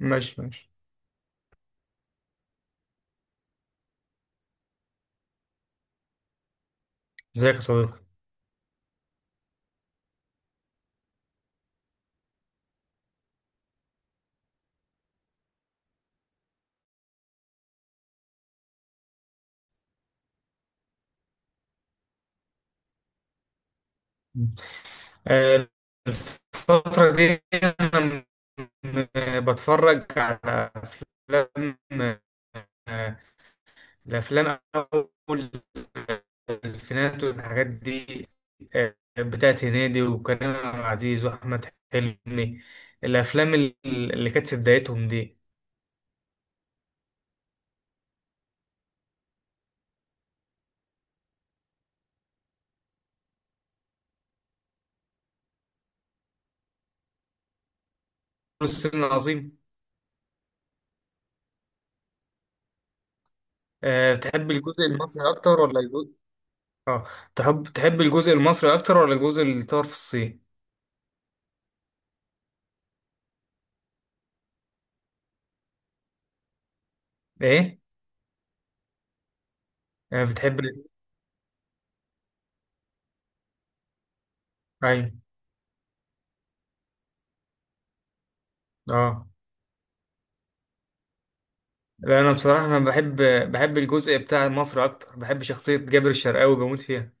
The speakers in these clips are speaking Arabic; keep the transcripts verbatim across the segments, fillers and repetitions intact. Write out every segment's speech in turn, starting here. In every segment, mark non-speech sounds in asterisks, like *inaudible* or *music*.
ماشي ماشي. ازيك يا صديقي؟ آه، الفترة دي أنا م- بتفرج على أفلام. آه، الأفلام أول الألفينات والحاجات دي. آه، بتاعت هنيدي وكريم عبد العزيز وأحمد حلمي. الأفلام ال- اللي كانت في بدايتهم دي. السن العظيم. آه، بتحب الجزء المصري أكتر ولا الجزء... آه تحب تحب الجزء المصري أكتر ولا الجزء اللي اتصور في الصين؟ إيه؟ آه، بتحب ال- ايوه. اه. لا انا بصراحه انا بحب بحب الجزء بتاع مصر اكتر، بحب شخصيه جابر الشرقاوي، بموت فيها.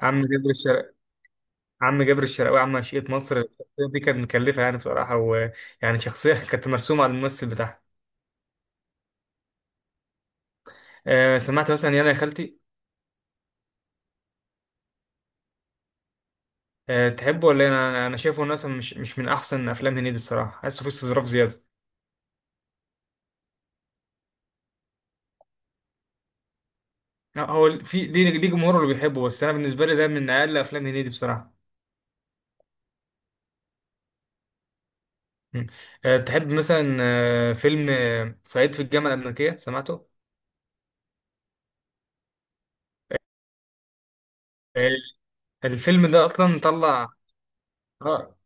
عم جابر الشرق عم جابر الشرقاوي، عم عشيقة مصر، الشخصيه دي كانت مكلفه يعني بصراحه، ويعني شخصيه *laughs* كانت مرسومه على الممثل بتاعها. آه سمعت مثلا يانا يا خالتي؟ آه تحبه ولا إيه؟ انا انا شايفه إنه مثلا مش مش من احسن افلام هنيدي الصراحه، حاسه فيه استظراف زياده. لا، هو في ليه ليه جمهوره اللي بيحبه، بس انا بالنسبه لي ده من اقل افلام هنيدي بصراحه. مم. آه، تحب مثلا آه، فيلم آه، صعيدي في الجامعة الأمريكية، سمعته؟ آه، الفيلم ده أصلا طلع. آه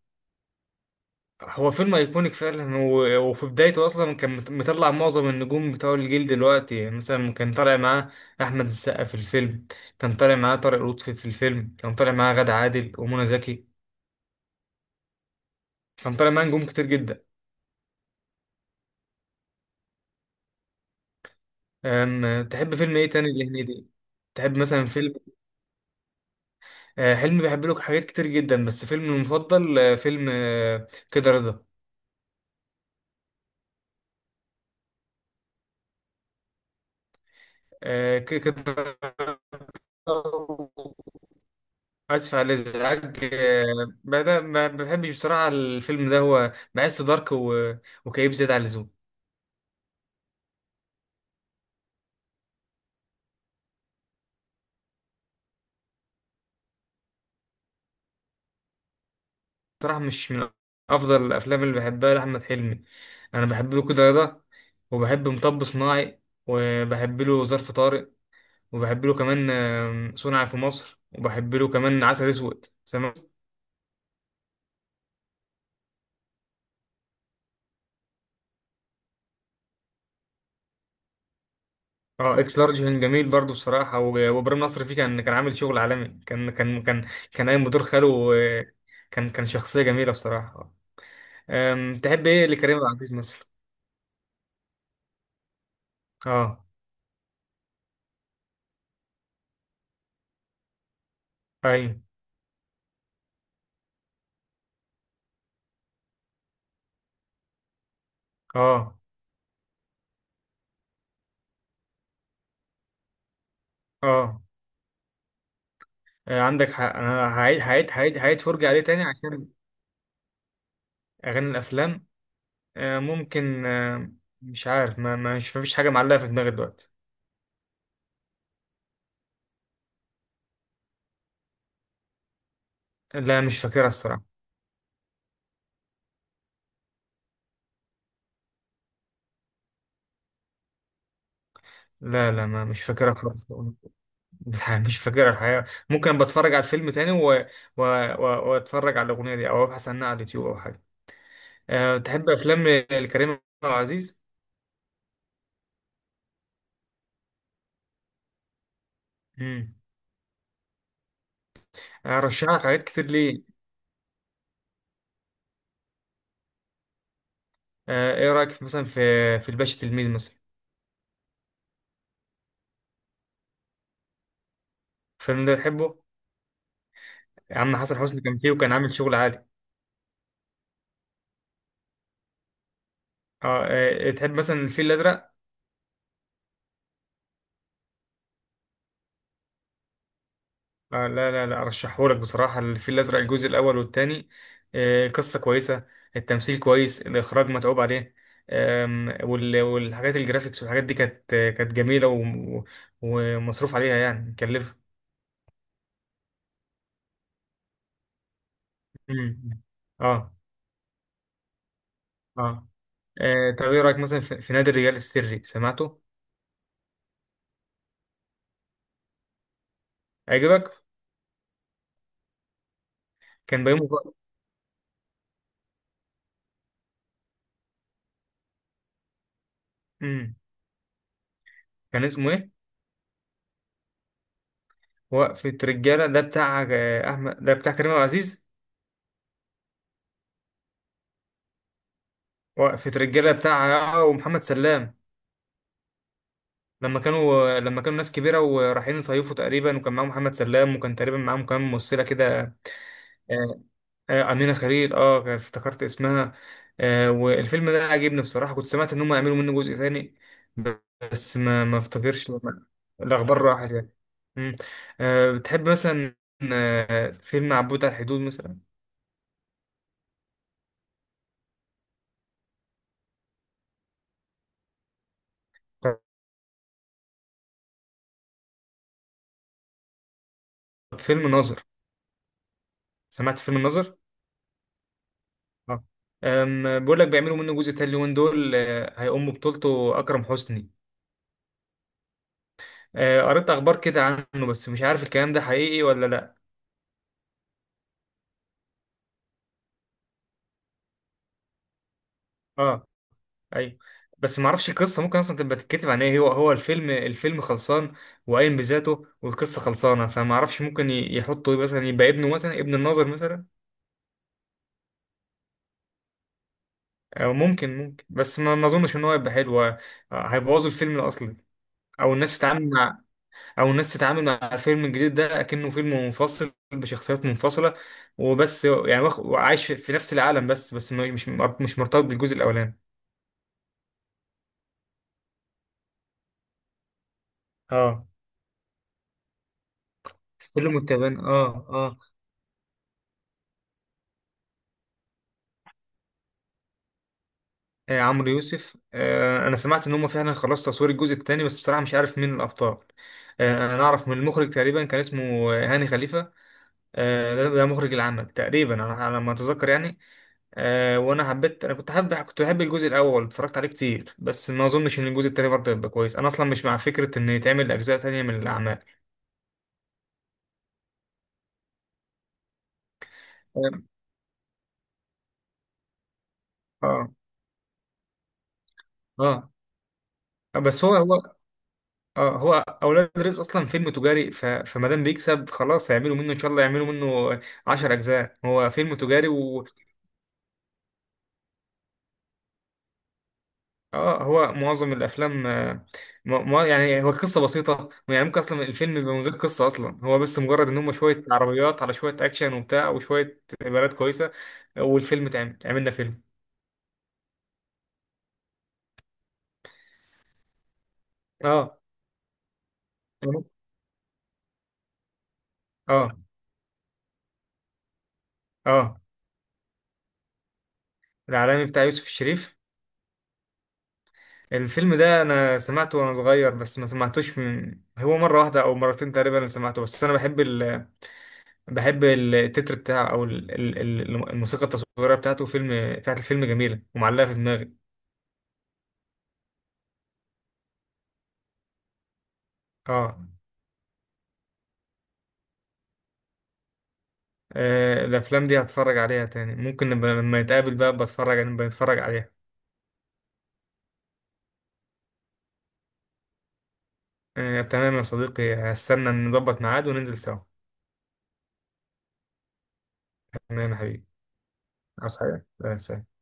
هو فيلم أيكونيك فعلا، و- وفي بدايته أصلا كان مت- مطلع معظم النجوم بتوع الجيل دلوقتي. مثلا كان طالع معاه أحمد السقا في الفيلم، كان طالع معاه طارق لطفي في الفيلم، كان طالع معاه غادة عادل ومنى زكي. كان طالع معاه نجوم كتير جدا. آم، تحب فيلم إيه تاني لهنيدي؟ تحب مثلا فيلم... آه، حلمي بيحب له حاجات كتير جدا، بس فيلم المفضل آه، فيلم آه، كده رضا. آه، كده. اسف على الازعاج، آه، بدأ ما ما بحبش بصراحه الفيلم ده، هو بحسه دارك و- وكئيب زياده عن اللزوم. بصراحه مش من افضل الافلام اللي بحبها لاحمد حلمي. انا بحب له كده رضا، وبحب مطب صناعي، وبحب له ظرف طارق، وبحب له كمان آه، صنع في مصر، وبحب له كمان عسل اسود، سمعت؟ اه، اكس لارج كان جميل برضو بصراحه، و- وابراهيم نصر فيه كان كان عامل شغل عالمي، كان كان كان كان قايم بدور خاله. آه، كان كان شخصيه جميله بصراحه. أم، تحب ايه لكريم عبد العزيز مثلا؟ اه. ايوه. اه. اه. آه، عندك حق، انا هعيد هعيد هعيد هعيد فرجه عليه تاني عشان... اغاني الافلام. آه، ممكن. آه، مش عارف، ما ما- مش مفيش حاجه معلقه في دماغي دلوقتي. لا مش فاكرها الصراحه. لا، لا، ما مش فاكرها خالص. *laughs* مش فاكر الحقيقة. ممكن بتفرج على الفيلم تاني و... و... و... واتفرج على الأغنية دي أو أبحث عنها على اليوتيوب أو حاجة. أه تحب أفلام الكريم عبد العزيز؟ امم. أرشح لك حاجات كتير ليه. أه إيه رأيك في مثلا في في الباشا تلميذ مثلا؟ الفيلم ده تحبه؟ يا عم حسن حسني كان فيه وكان عامل شغل عالي. أه آه، تحب مثلا الفيل الأزرق؟ آه، لا، لا، لا ارشحهولك بصراحه، الفيل الازرق الجزء الاول والثاني. القصه كويسه، التمثيل كويس، الاخراج متعوب عليه. آم، وال- والحاجات الجرافيكس والحاجات دي كانت آه، كانت جميله و- ومصروف عليها يعني مكلفه. مم. اه. اه. آه، طب ايه رايك مثلا في في نادي الرجال السري، سمعته؟ عجبك؟ كان بيومي فؤاد. مم. كان اسمه ايه؟ وقفة رجالة، ده بتاع آه، احمد، ده بتاع كريم عبد العزيز. وقفة رجالة بتاع آه، ومحمد سلام. لما كانوا لما كانوا ناس كبيره ورايحين يصيفوا تقريبا، وكان معاهم محمد سلام، وكان تقريبا معاهم كمان ممثله كده. آه، آه، امينه خليل، اه افتكرت اسمها. آه، والفيلم ده عجبني بصراحه، كنت سمعت ان هم يعملوا منه جزء تاني. بس ما ما افتكرش. لما- الاخبار راحت يعني. مم. آه، بتحب مثلا آه، فيلم عبود على الحدود مثلا؟ طب فيلم ناظر؟ سمعت فيلم ناظر؟ اه. أم، بقول لك بيعملوا منه جزء تاني اليومين دول، آه، هيقوم ببطولته اكرم حسني. آه، قريت اخبار كده عنه، بس مش عارف الكلام ده حقيقي ولا لا. اه، ايوه. بس ما اعرفش القصه، ممكن اصلا تبقى تتكتب عن ايه؟ هو هو الفيلم الفيلم خلصان وقايم بذاته، والقصه خلصانه، فما اعرفش ممكن ي- يحطوا إيه، مثلا يبقى ابنه، مثلا ابن الناظر مثلا. او ممكن ممكن بس ما ما اظنش ان هو يبقى حلو. آه، هيبوظوا الفيلم الاصلي، او الناس تتعامل مع او الناس تتعامل مع الفيلم الجديد ده اكنه فيلم منفصل بشخصيات منفصله، وبس يعني واخ- وعايش في في نفس العالم، بس بس ما- مش مش مرتبط بالجزء الاولاني. اه. السلم والتعبان. اه. اه. آه، عمرو يوسف. آه انا سمعت ان هم فعلا خلاص تصوير الجزء الثاني، بس بصراحه مش عارف مين الابطال. آه انا اعرف من المخرج تقريبا، كان اسمه هاني خليفه. آه ده, ده مخرج العمل تقريبا، انا على ما اتذكر يعني. آه وانا حبيت، انا كنت حابب، كنت بحب الجزء الاول، اتفرجت عليه كتير، بس ما اظنش ان الجزء التاني برضه يبقى كويس. انا اصلا مش مع فكره ان يتعمل اجزاء تانية من الاعمال. اه. اه. آه. بس، هو هو اه هو اولاد رزق اصلا فيلم تجاري، ف... فما دام بيكسب خلاص هيعملوا منه، ان شاء الله يعملوا منه عشر اجزاء. هو فيلم تجاري و... اه، هو معظم الافلام آه، م... م... يعني هو القصه بسيطه، يعني ممكن اصلا الفيلم يبقى من غير قصه اصلا، هو بس مجرد ان هم شويه عربيات على شويه اكشن وبتاع وشويه بنات كويسه. والفيلم اتعمل عملنا فيلم. اه، اه، اه. العالمي بتاع يوسف الشريف. الفيلم ده انا سمعته وانا صغير، بس ما سمعتوش، من هو مره واحده او مرتين تقريبا اللي سمعته، بس انا بحب ال... بحب التتر بتاعه، او ال... ال... ال- الموسيقى التصويريه بتاعته، فيلم بتاعت الفيلم جميله ومعلقه في دماغي. اه. آه، الافلام دي هتفرج عليها تاني، ممكن نبقى لما نتقابل بقى بتفرج نبقى نتفرج عليها. آه، تمام يا صديقي، هستنى نظبط ميعاد وننزل سوا. تمام يا حبيبي. عاوز حاجه؟ سلام، سلام.